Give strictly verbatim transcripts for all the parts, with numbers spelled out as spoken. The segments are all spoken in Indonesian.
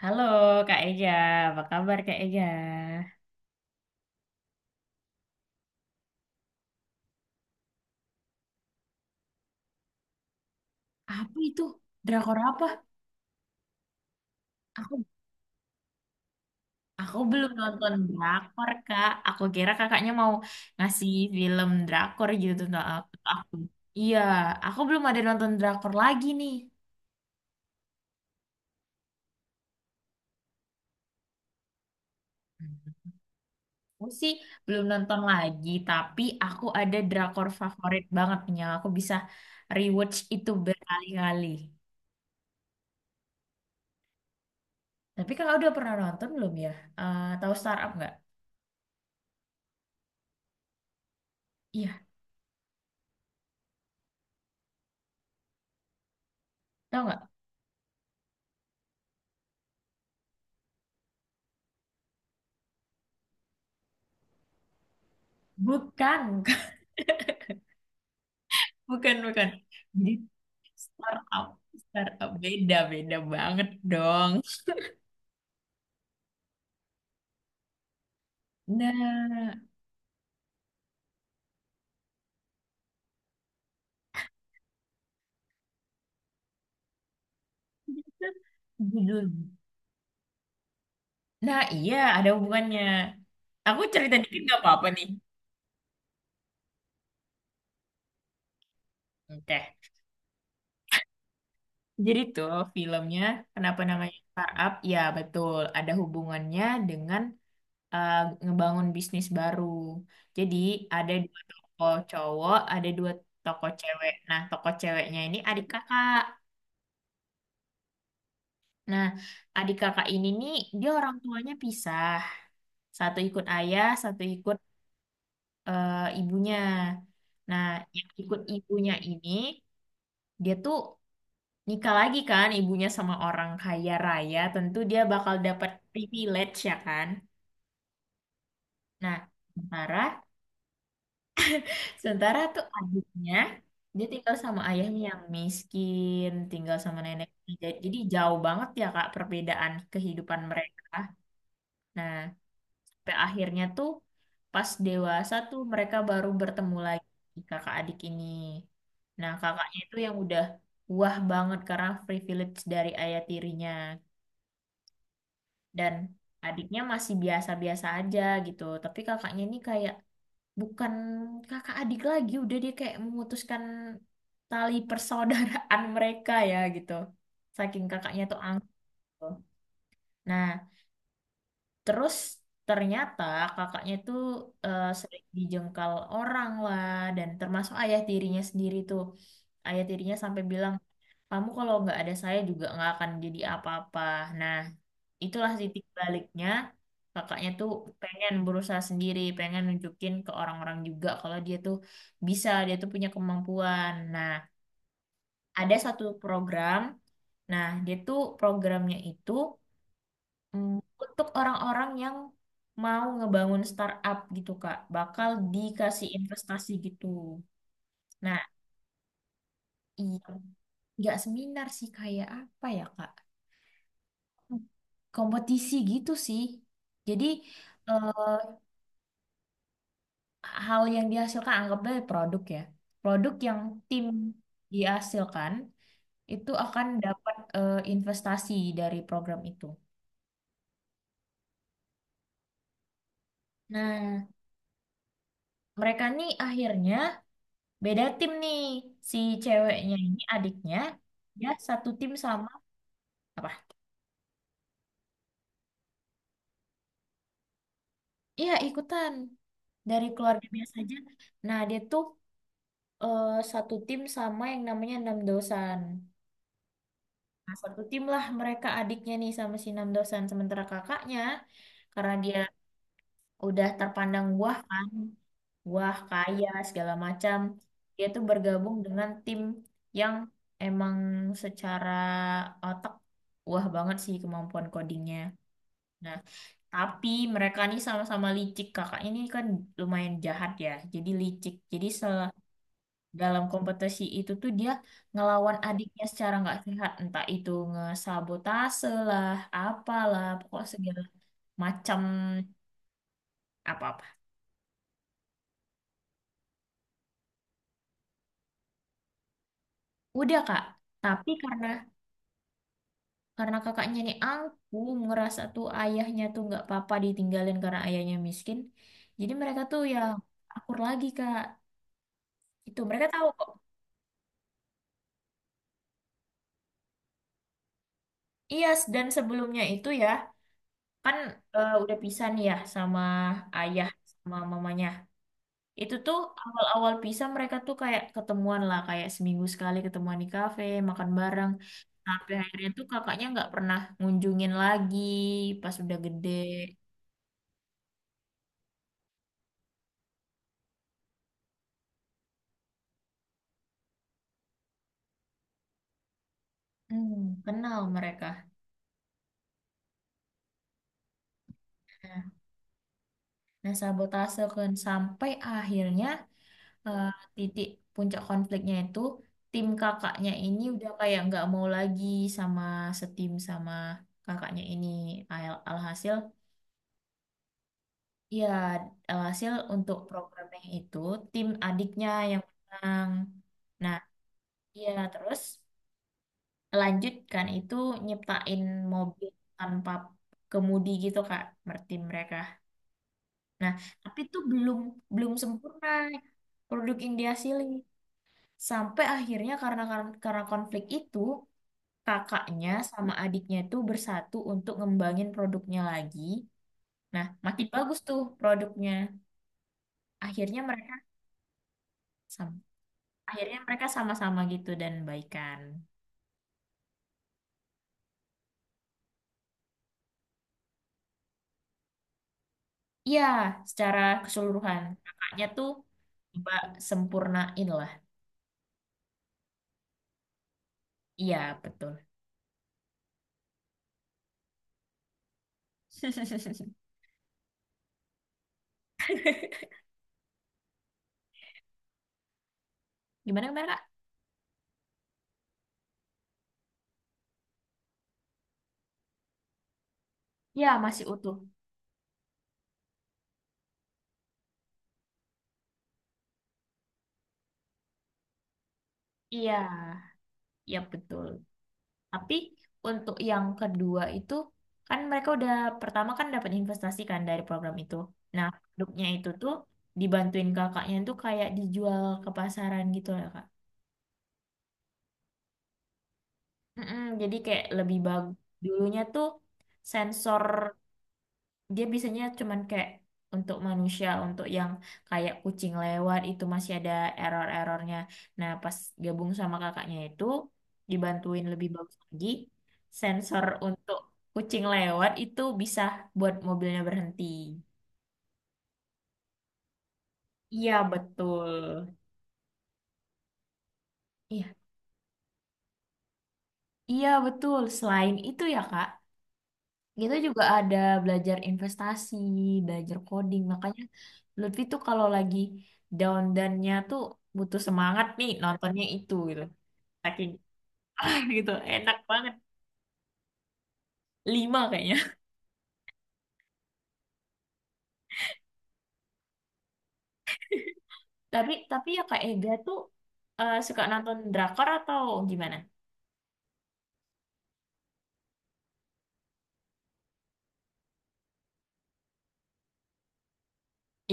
Halo Kak Ega, apa kabar Kak Ega? Apa itu? Drakor apa? Aku aku belum nonton drakor Kak. Aku kira kakaknya mau ngasih film drakor gitu tentang aku. aku. Iya, aku belum ada nonton drakor lagi nih. Aku sih belum nonton lagi, tapi aku ada drakor favorit banget nih yang aku bisa rewatch itu berkali-kali. Tapi kakak udah pernah nonton belum ya? Eh, tahu Startup nggak? Iya, tahu nggak? Bukan. Bukan, bukan. Jadi startup, startup beda, beda banget dong. Nah, judul. Nah, iya ada hubungannya. Aku cerita dikit nggak apa-apa nih. Oke. Jadi tuh filmnya kenapa namanya startup? Ya betul, ada hubungannya dengan eh, ngebangun bisnis baru. Jadi ada dua tokoh cowok, ada dua tokoh cewek. Nah, tokoh ceweknya ini adik kakak. Nah, adik kakak ini nih, dia orang tuanya pisah. Satu ikut ayah, satu ikut eh, ibunya. Nah, yang ikut ibunya ini, dia tuh nikah lagi kan, ibunya sama orang kaya raya. Tentu dia bakal dapat privilege ya kan. Nah, sementara, sementara tuh adiknya, dia tinggal sama ayahnya yang miskin, tinggal sama neneknya. Jadi jauh banget ya Kak, perbedaan kehidupan mereka. Nah, sampai akhirnya tuh pas dewasa tuh mereka baru bertemu lagi kakak adik ini. Nah, kakaknya itu yang udah wah banget karena privilege dari ayah tirinya dan adiknya masih biasa-biasa aja gitu. Tapi kakaknya ini kayak bukan kakak adik lagi, udah dia kayak memutuskan tali persaudaraan mereka ya gitu. Saking kakaknya tuh angkuh. Nah, terus ternyata kakaknya itu eh, sering dijengkal orang lah dan termasuk ayah tirinya sendiri tuh. Ayah tirinya sampai bilang, kamu kalau nggak ada saya juga nggak akan jadi apa-apa. Nah, itulah titik baliknya. Kakaknya tuh pengen berusaha sendiri, pengen nunjukin ke orang-orang juga kalau dia tuh bisa, dia tuh punya kemampuan. Nah, ada satu program. Nah, dia tuh programnya itu Hmm. Untuk orang-orang yang mau ngebangun startup gitu Kak, bakal dikasih investasi gitu. Nah, iya, nggak seminar sih kayak apa ya Kak? Kompetisi gitu sih. Jadi eh, hal yang dihasilkan anggaplah produk ya. Produk yang tim dihasilkan itu akan dapat eh, investasi dari program itu. Nah, mereka nih akhirnya beda tim nih. Si ceweknya ini adiknya, ya satu tim sama apa? Iya, ikutan. Dari keluarga biasa aja. Nah, dia tuh eh, satu tim sama yang namanya Enam Dosan. Nah, satu tim lah mereka adiknya nih sama si Enam Dosan. Sementara kakaknya, karena dia udah terpandang wah kan, wah kaya segala macam, dia tuh bergabung dengan tim yang emang secara otak wah banget sih kemampuan codingnya. Nah, tapi mereka nih sama-sama licik. Kakak ini kan lumayan jahat ya. Jadi licik. Jadi se dalam kompetisi itu tuh dia ngelawan adiknya secara nggak sehat. Entah itu ngesabotase lah, apalah, pokok segala macam apa-apa. Udah Kak. Tapi karena karena kakaknya nih aku ngerasa tuh ayahnya tuh nggak apa-apa ditinggalin karena ayahnya miskin. Jadi mereka tuh ya akur lagi Kak. Itu mereka tahu kok. Iya, dan sebelumnya itu ya, kan eh, udah pisah nih ya sama ayah sama mamanya. Itu tuh awal-awal pisah mereka tuh kayak ketemuan lah, kayak seminggu sekali ketemuan di kafe, makan bareng. Sampai akhirnya tuh kakaknya nggak pernah ngunjungin lagi pas udah gede. Hmm, kenal mereka. Nah, nah, sabotase kan sampai akhirnya eh, titik puncak konfliknya itu tim kakaknya ini udah kayak nggak mau lagi sama setim sama kakaknya ini. Al- alhasil, iya, eh, hasil untuk programnya itu tim adiknya yang menang. Nah, iya terus lanjutkan itu nyiptain mobil tanpa kemudi gitu Kak, mer- tim mereka. Nah, tapi itu belum belum sempurna produk yang dihasilin. Sampai akhirnya karena kar- karena konflik itu kakaknya sama adiknya itu bersatu untuk ngembangin produknya lagi. Nah, makin bagus tuh produknya. Akhirnya mereka sama. akhirnya mereka sama-sama gitu dan baikan. Iya, secara keseluruhan kakaknya tuh coba sempurnain lah. Iya, betul. Gimana gimana, Kak? Ya, masih utuh. Iya, ya betul. Tapi untuk yang kedua itu kan mereka udah pertama kan dapat investasi kan dari program itu. Nah, produknya itu tuh dibantuin kakaknya tuh kayak dijual ke pasaran gitu lah, Kak. Mm-mm, jadi kayak lebih bagus. Dulunya tuh sensor dia biasanya cuman kayak untuk manusia, untuk yang kayak kucing lewat itu masih ada error-errornya. Nah, pas gabung sama kakaknya itu dibantuin lebih bagus lagi, sensor untuk kucing lewat itu bisa buat mobilnya berhenti. Iya, betul. Iya, iya betul. Selain itu ya, Kak, kita juga ada belajar investasi, belajar coding. Makanya Lutfi tuh kalau lagi down-downnya tuh butuh semangat nih nontonnya itu gitu. Saking gitu, enak banget. Lima kayaknya. Tapi tapi ya Kak Ega tuh eh, suka nonton drakor atau gimana?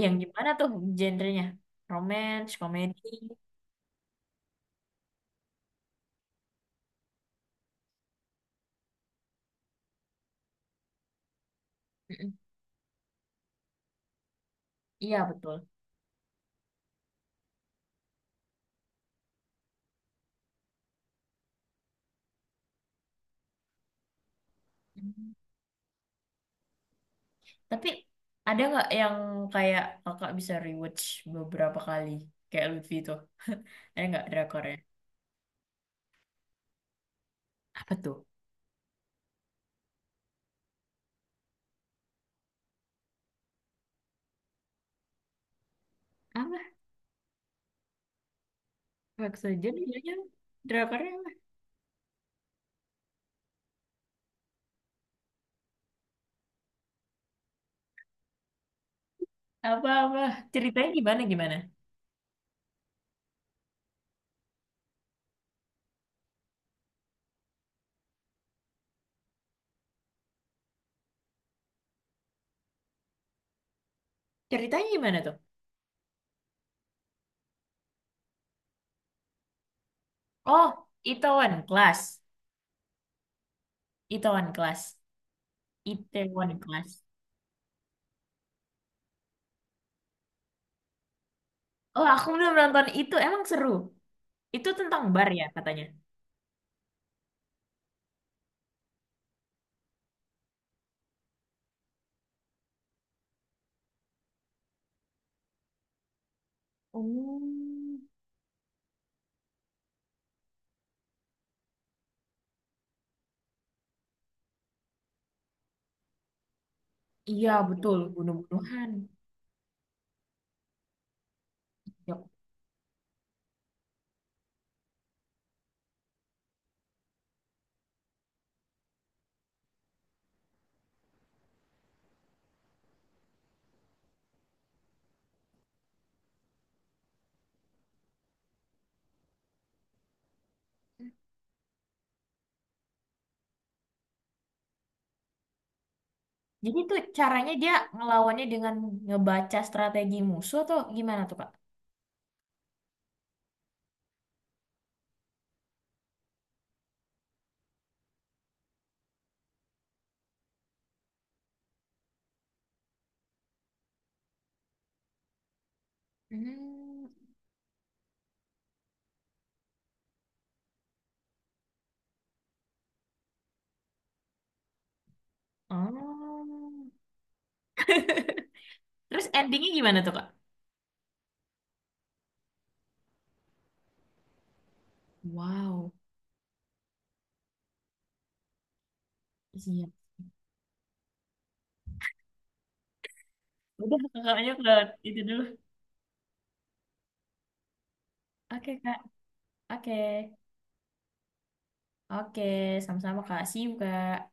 Yang gimana tuh genrenya? Romance, komedi? Mm-mm. Iya betul. Tapi ada nggak yang kayak kakak bisa rewatch beberapa kali? Kayak Lutfi tuh. Ada nggak drakornya? Apa tuh? Apa? Maksudnya bilangnya drakornya apa? Apa-apa? Ceritanya gimana gimana? Ceritanya gimana tuh? Oh, Itaewon Class. Itaewon Class. Itaewon Class. Oh, aku belum nonton itu. Emang seru. Itu tentang bar ya katanya. Oh, iya betul. Bunuh-bunuhan. Ya. Jadi tuh caranya dia ngelawannya dengan ngebaca strategi musuh atau gimana tuh Kak? Hmm. Oh. Terus endingnya gimana tuh Kak? Wow. Siap. Udah kakaknya ke itu dulu. Oke Kak. Oke. Oke. Sama-sama Kak. See you Kak.